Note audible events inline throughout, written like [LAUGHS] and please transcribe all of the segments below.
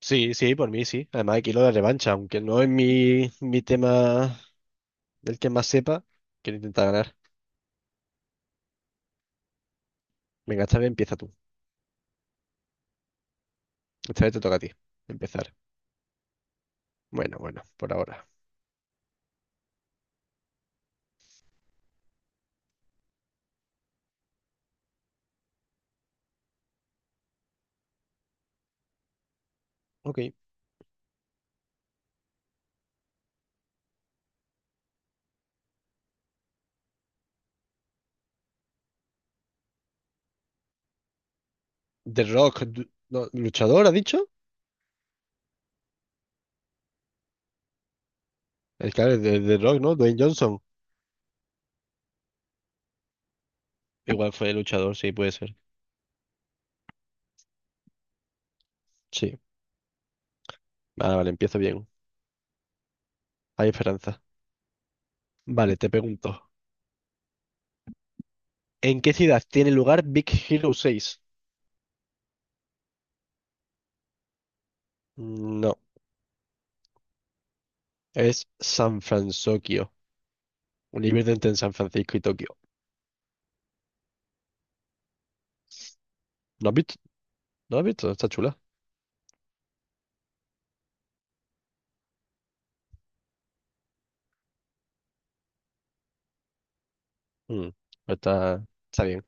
Sí, sí, por mí sí. Además, aquí lo de revancha, aunque no es mi tema del que más sepa, quiero intentar ganar. Venga, esta vez empieza tú. Esta vez te toca a ti empezar. Bueno, bueno, por ahora. Ok. The Rock, no, ¿luchador ha dicho? El que es de The Rock, ¿no? Dwayne Johnson. Igual fue luchador, sí, puede ser. Sí. Vale, vale, empiezo bien. Hay esperanza. Vale, te pregunto. ¿En qué ciudad tiene lugar Big Hero 6? No, es San Francisco. Un nivel entre San Francisco y Tokio. ¿No has visto? ¿Lo has visto? Está chula. Mm, Está, está bien.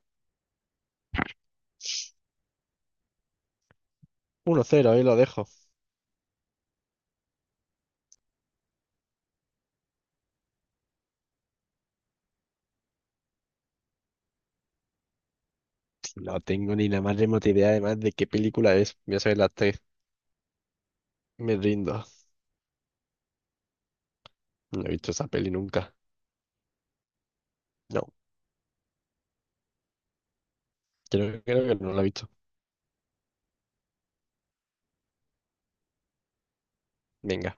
1-0, ahí lo dejo. No tengo ni la más remota idea además de qué película es. Voy a saber las tres. Me rindo. No he visto esa peli nunca. No, creo que no la he visto. Venga.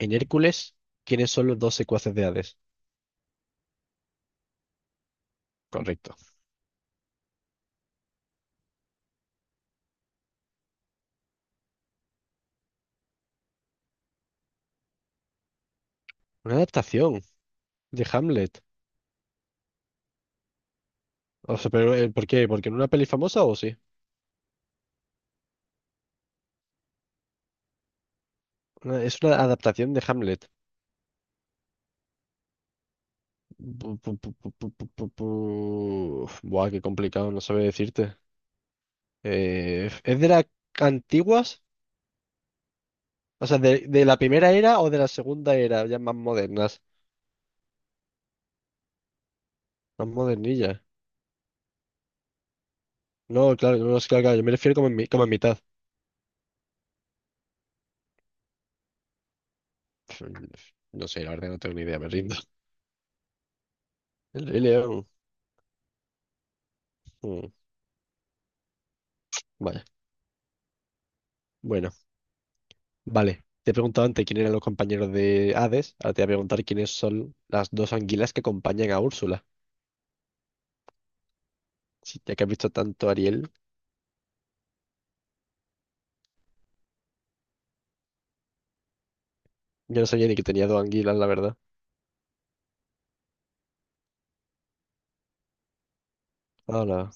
En Hércules, ¿quiénes son los dos secuaces de Hades? Correcto. Una adaptación de Hamlet. O sea, pero ¿por qué? ¿Porque en una peli famosa o sí? Es una adaptación de Hamlet. Buah, qué complicado, no sabe decirte. ¿Es de las antiguas? O sea, de la primera era o de la segunda era, ya más modernas, más modernillas. No, claro, no, no, es claro, claro, yo me refiero como en mitad. Pf, No sé, la verdad no tengo ni idea, me rindo. [LAUGHS] El Rey León. mm, Vaya, bueno, vale. Te he preguntado antes quién eran los compañeros de Hades, ahora te voy a preguntar quiénes son las dos anguilas que acompañan a Úrsula. Sí, ya que has visto tanto a Ariel, yo no sabía ni que tenía dos anguilas, la verdad. Ahora,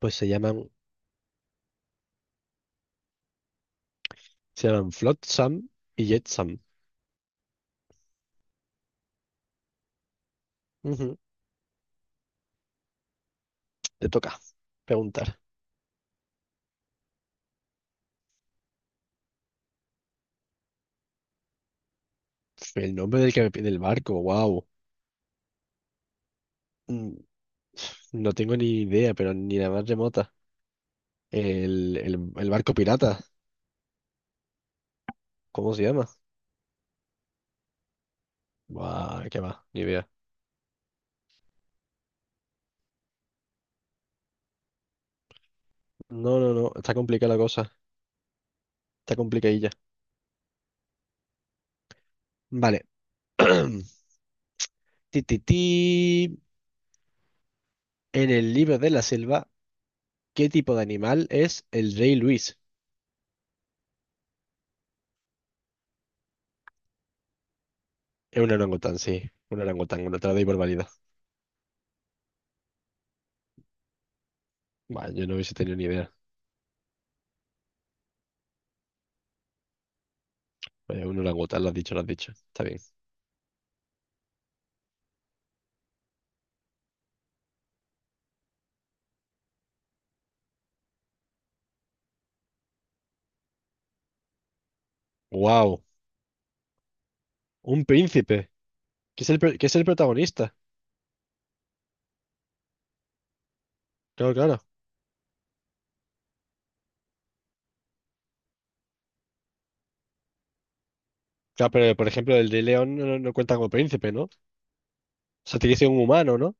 pues se llaman Flotsam y Jetsam. Ujú. Te toca preguntar. El nombre me pide el barco, wow. No tengo ni idea, pero ni la más remota. El barco pirata, ¿cómo se llama? Guau, qué va, ni idea. No, no, no, está complicada la cosa. Está complicadilla. Vale. [CLEARS THROAT] Ti, ti, ti. En el Libro de la Selva, ¿qué tipo de animal es el rey Luis? Es un orangután, sí. Un orangután, no te la doy por válida. Buah, yo no hubiese tenido ni idea. Vaya, un orangután, lo has dicho, lo has dicho. Está bien. Wow, un príncipe. Que es el protagonista. Claro, claro. Claro, pero por ejemplo, el de León no, no cuenta como príncipe, ¿no? O sea, tiene que ser un humano, ¿no?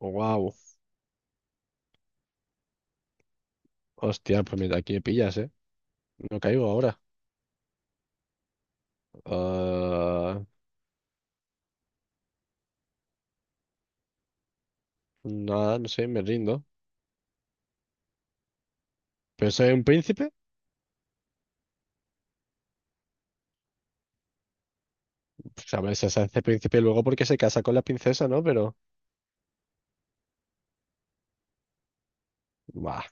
Wow. Hostia, pues mira, aquí me pillas, ¿eh? No caigo ahora. Ah, nada, no sé, me rindo. ¿Pero soy un príncipe? Pues, a ver, se hace príncipe luego porque se casa con la princesa, ¿no? Pero, bah,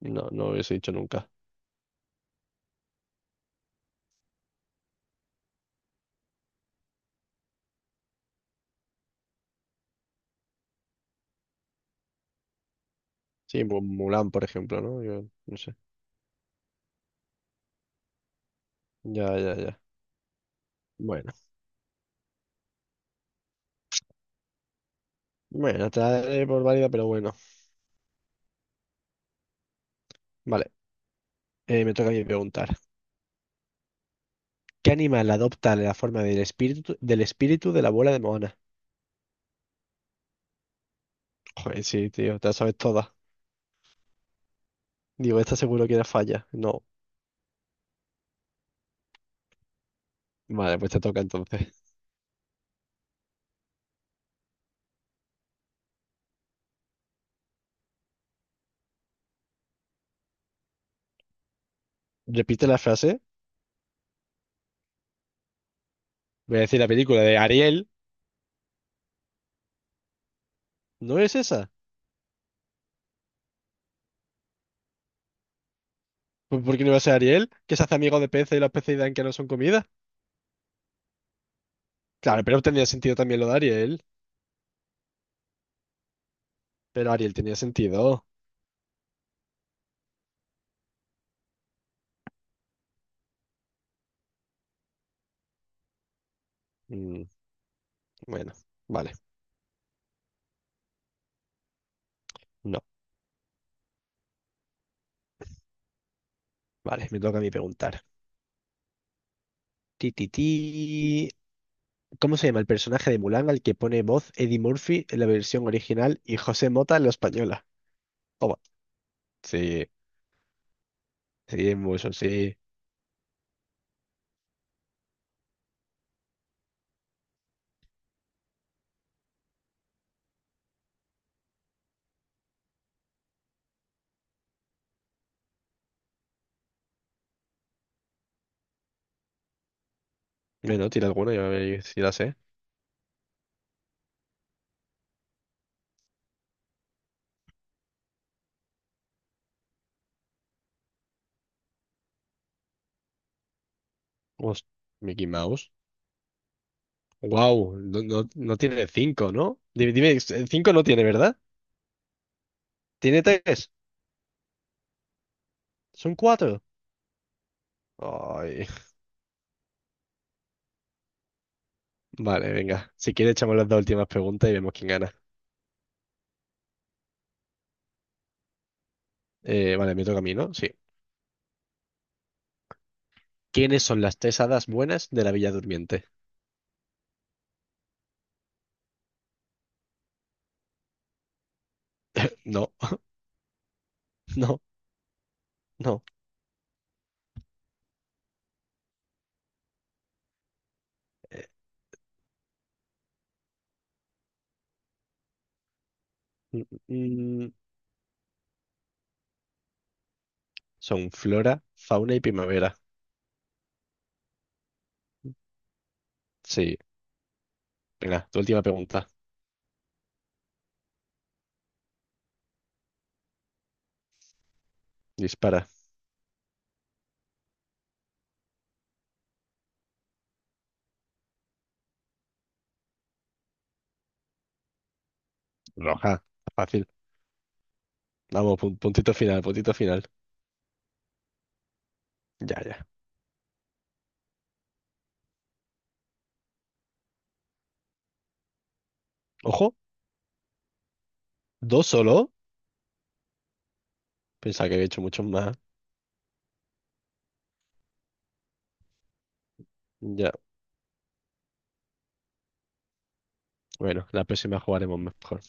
no lo hubiese dicho nunca. Sí, Mulan, por ejemplo, ¿no? Yo no sé. Ya, ya, ya. Bueno, bueno, te la daré por válida, pero bueno. Vale, me toca a mí preguntar. ¿Qué animal adopta la forma del espíritu de la abuela de Moana? Joder, sí, tío, te la sabes toda. Digo, esta seguro que era falla. No. Vale, pues te toca entonces. Repite la frase. Voy a decir la película de Ariel. ¿No es esa? Pues, ¿Por qué no va a ser Ariel? Que se hace amigo de peces y los peces dan que no son comida. Claro, pero tenía sentido también lo de Ariel. Pero Ariel tenía sentido. Mm, bueno, vale. No. Vale, me toca a mí preguntar. Ti, ti, ti. ¿Cómo se llama el personaje de Mulan al que pone voz Eddie Murphy en la versión original y José Mota en la española? Toma. Sí, sí, es muy so, sí. Bueno, tira alguna, ya veréis si la sé. Host- Mickey Mouse. Wow, no, no, no tiene cinco, ¿no? Dime, dime, cinco no tiene, ¿verdad? Tiene tres. Son cuatro. Ay, vale, venga. Si quieres, echamos las dos últimas preguntas y vemos quién gana. Vale, me toca a mí, ¿no? Sí. ¿Quiénes son las tres hadas buenas de la Villa Durmiente? No, [LAUGHS] no, no. Eh, Mm, mm, Son flora, fauna y primavera. Sí, venga, tu última pregunta. Dispara. Roja. Fácil. Vamos, puntito final, puntito final. Ya, ya. Ojo, dos solo. Pensaba que había hecho muchos más. Ya, bueno, la próxima jugaremos mejor.